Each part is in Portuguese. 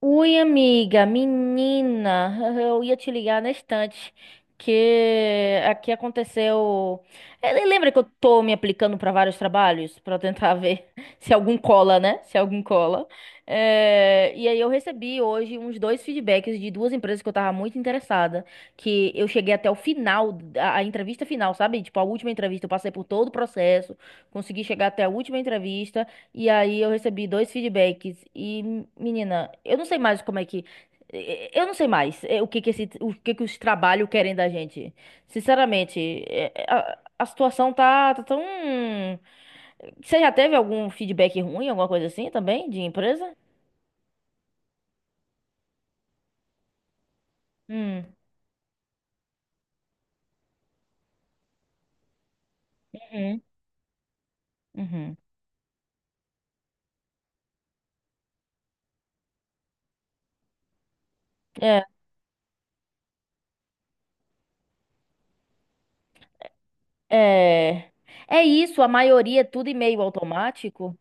Ui, amiga, menina, eu ia te ligar na estante que aqui aconteceu. Lembra que eu tô me aplicando para vários trabalhos para tentar ver se algum cola, né? Se algum cola. E aí eu recebi hoje uns dois feedbacks de duas empresas que eu tava muito interessada, que eu cheguei até o final, a entrevista final, sabe? Tipo, a última entrevista, eu passei por todo o processo, consegui chegar até a última entrevista. E aí eu recebi dois feedbacks e, menina, eu não sei mais como é que eu não sei mais o que que os trabalhos querem da gente. Sinceramente, a situação tá tão. Você já teve algum feedback ruim, alguma coisa assim também, de empresa? Hum. Uhum. Uhum. É, é, é isso, a maioria é tudo e-mail automático.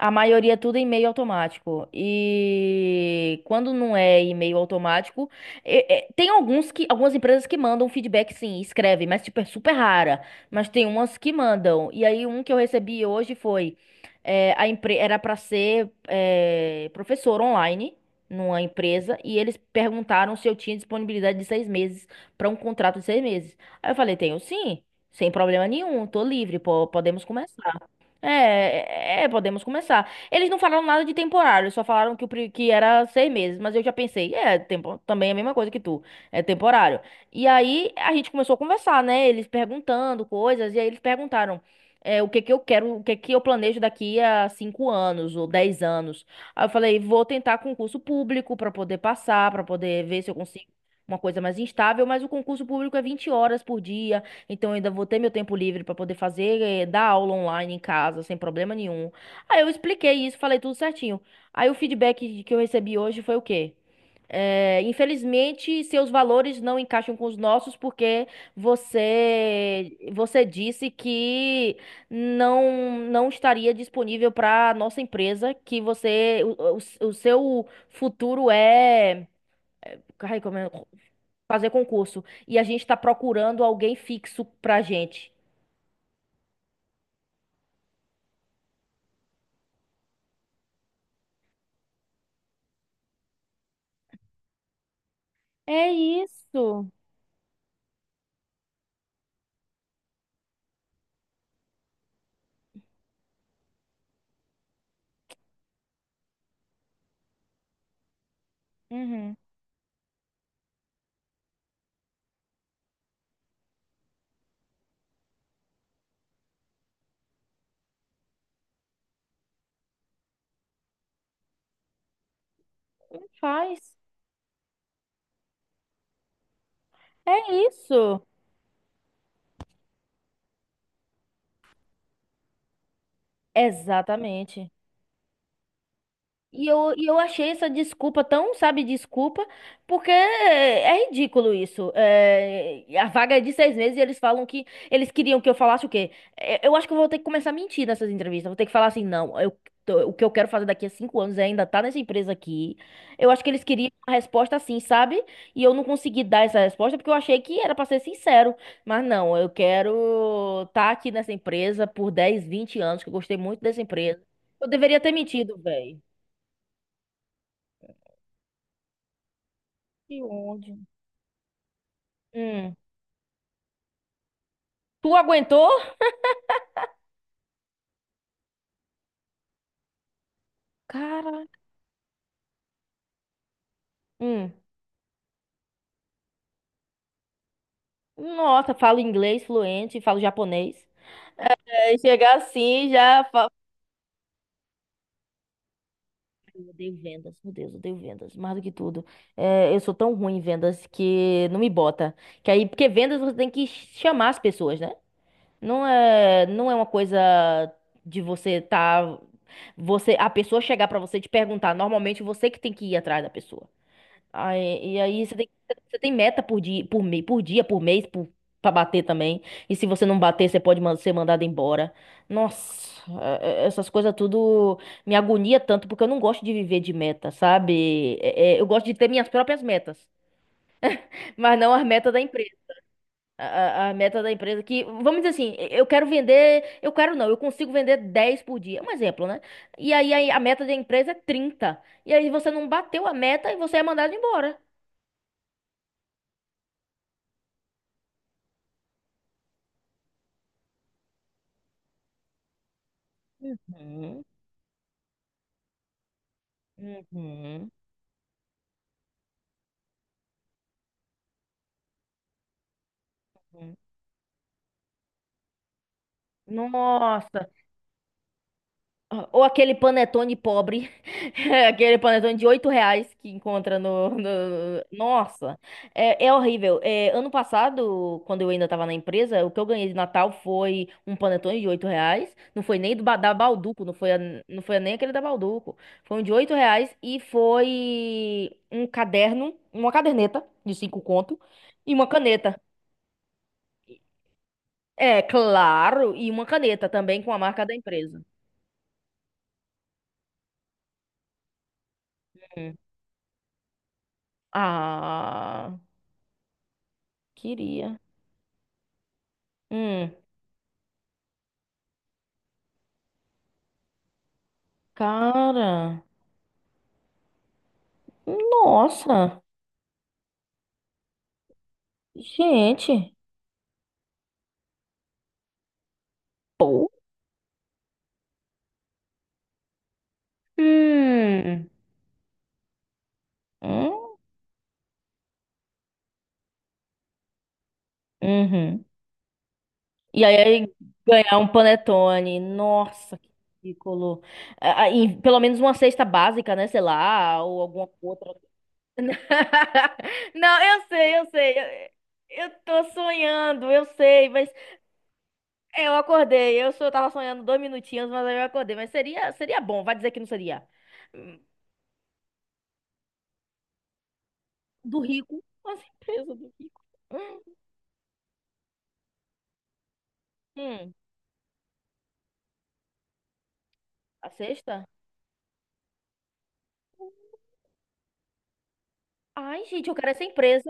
A maioria é tudo em e-mail automático. E quando não é e-mail automático, tem alguns que, algumas empresas que mandam feedback, sim, escrevem, mas tipo, é super rara. Mas tem umas que mandam. E aí, um que eu recebi hoje foi: é, a empre era para ser professor online numa empresa, e eles perguntaram se eu tinha disponibilidade de 6 meses para um contrato de 6 meses. Aí eu falei: tenho sim, sem problema nenhum, tô livre, podemos começar. Podemos começar. Eles não falaram nada de temporário, só falaram que era 6 meses, mas eu já pensei, também é a mesma coisa que tu, é temporário. E aí a gente começou a conversar, né? Eles perguntando coisas, e aí eles perguntaram o que que eu quero, o que que eu planejo daqui a 5 anos ou 10 anos. Aí eu falei, vou tentar concurso público para poder passar, para poder ver se eu consigo uma coisa mais instável, mas o concurso público é 20 horas por dia. Então eu ainda vou ter meu tempo livre pra poder fazer, dar aula online em casa, sem problema nenhum. Aí eu expliquei isso, falei tudo certinho. Aí o feedback que eu recebi hoje foi o quê? Infelizmente, seus valores não encaixam com os nossos porque você disse que não estaria disponível para nossa empresa, que você o seu futuro é. Ai, como é? Fazer concurso e a gente está procurando alguém fixo pra gente. É isso. Uhum. Faz. É isso. Exatamente. E eu achei essa desculpa tão, sabe, desculpa, porque é ridículo isso. É, a vaga é de 6 meses e eles falam que eles queriam que eu falasse o quê? Eu acho que eu vou ter que começar a mentir nessas entrevistas. Vou ter que falar assim, não, eu, tô- o que eu quero fazer daqui a cinco anos é ainda estar nessa empresa aqui. Eu acho que eles queriam uma resposta assim, sabe? E eu não consegui dar essa resposta porque eu achei que era para ser sincero. Mas não, eu quero estar aqui nessa empresa por 10 20 anos, que eu gostei muito dessa empresa. Eu deveria ter mentido, velho. Que ódio. Hum. Tu aguentou? Cara. Hum. Nossa, falo inglês fluente, falo japonês. É, chegar assim já. Fa- Eu odeio vendas, meu Deus, eu odeio vendas, mais do que tudo. É, eu sou tão ruim em vendas que não me bota. Que aí, porque vendas você tem que chamar as pessoas, né? Não é uma coisa de você tá, você, a pessoa chegar pra você e te perguntar. Normalmente você que tem que ir atrás da pessoa. E aí você tem meta por dia, por dia, por mês, por, pra bater também. E se você não bater, você pode ser mandado embora. Nossa, essas coisas tudo me agonia tanto, porque eu não gosto de viver de meta, sabe? Eu gosto de ter minhas próprias metas, mas não as metas da empresa. A meta da empresa que, vamos dizer assim, eu quero vender, eu quero não, eu consigo vender 10 por dia, um exemplo, né? E aí a meta da empresa é 30. E aí você não bateu a meta e você é mandado embora. Uhum. Uhum, uhum. Nossa. Ou aquele panetone pobre. Aquele panetone de R$ 8 que encontra Nossa. É horrível. É, ano passado, quando eu ainda estava na empresa, o que eu ganhei de Natal foi um panetone de 8 reais. Não foi nem da Balduco, não foi nem aquele da Balduco. Foi um de R$ 8 e foi um caderno, uma caderneta de 5 conto e uma caneta. É, claro. E uma caneta também com a marca da empresa. Hum. Ah, queria. Hum. Cara. Nossa. Gente. Pô. Hum. Hum. Uhum. E aí ganhar um panetone. Nossa, que ridículo. Ah, ah, e pelo menos uma cesta básica, né? Sei lá, ou alguma outra. Não, eu sei, eu sei. Eu tô sonhando, eu sei, mas eu acordei, eu só tava sonhando 2 minutinhos, mas aí eu acordei. Mas seria bom, vai dizer que não seria. Hum. Do rico, nossa empresa do rico. Hum, a sexta? Ai, gente, eu quero essa empresa.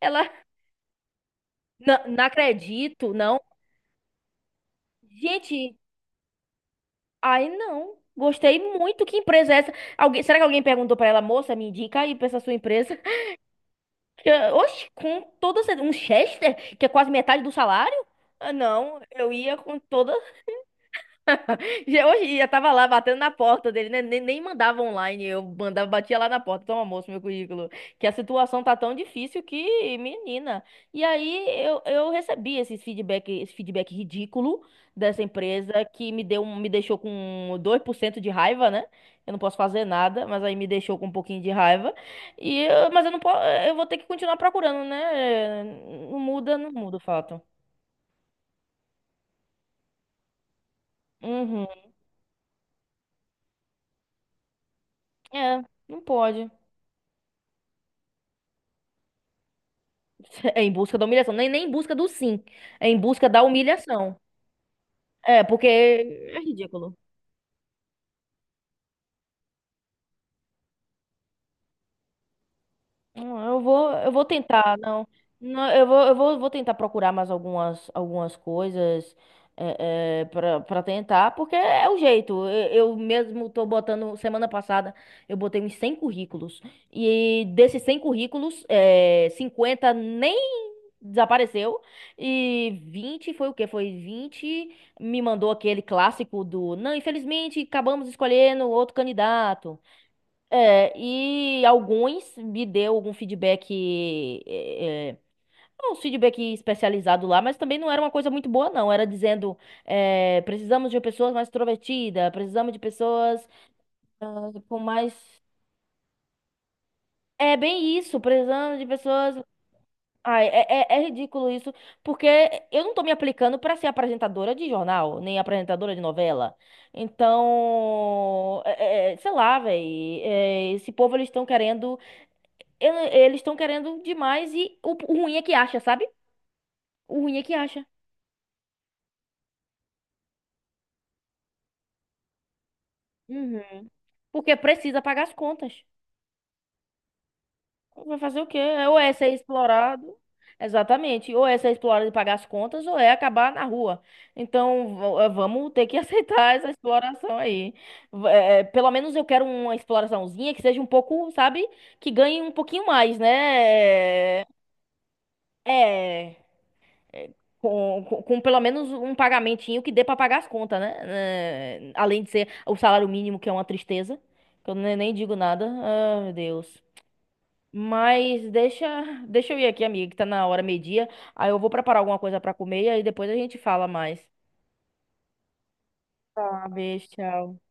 Ela, não, não acredito, não. Gente, ai, não. Gostei muito. Que empresa é essa? Alguém, será que alguém perguntou pra ela, moça, me indica aí pra essa sua empresa? Eu, oxe, com toda certeza. Um Chester, que é quase metade do salário? Ah, não, eu ia com toda. Já- hoje eu tava lá batendo na porta dele, né? Nem mandava online, eu mandava, batia lá na porta, toma moço, meu currículo. Que a situação tá tão difícil que, menina. E aí eu recebi esse feedback ridículo dessa empresa que me deu, me deixou com 2% de raiva, né? Eu não posso fazer nada, mas aí me deixou com um pouquinho de raiva. Mas eu não posso, eu vou ter que continuar procurando, né? Não muda o fato. Uhum. É, não pode. É em busca da humilhação. Nem em busca do sim. É em busca da humilhação. É, porque é ridículo. Hum. Eu vou tentar, não. Não, vou tentar procurar mais algumas coisas é, para tentar, porque é o jeito. Eu mesmo tô botando, semana passada, eu botei uns 100 currículos. E desses 100 currículos, 50 nem desapareceu. E 20 foi o quê? Foi 20 me mandou aquele clássico do, não, infelizmente acabamos escolhendo outro candidato. É, e alguns me deu algum feedback, é, é, uns feedback especializado lá, mas também não era uma coisa muito boa, não. Era dizendo, precisamos de pessoas mais extrovertidas, precisamos de pessoas, com mais... É bem isso, precisamos de pessoas. Ai, é ridículo isso, porque eu não tô me aplicando pra ser apresentadora de jornal, nem apresentadora de novela. Então, sei lá, velho, esse povo eles estão querendo, eles estão querendo demais e o ruim é que acha, sabe? O ruim é que acha, Uhum. porque precisa pagar as contas. Vai fazer o quê? Ou é ser explorado. Exatamente. Ou é ser explorado e pagar as contas, ou é acabar na rua. Então, vamos ter que aceitar essa exploração aí. Pelo menos eu quero uma exploraçãozinha que seja um pouco, sabe? Que ganhe um pouquinho mais, né? É. é, é, com pelo menos um pagamentinho que dê pra pagar as contas, né? Além de ser o salário mínimo, que é uma tristeza. Que eu nem digo nada. Ah, meu Deus. Mas deixa eu ir aqui, amiga, que tá na hora meio-dia. Aí eu vou preparar alguma coisa pra comer e aí depois a gente fala mais. Uma vez, tchau.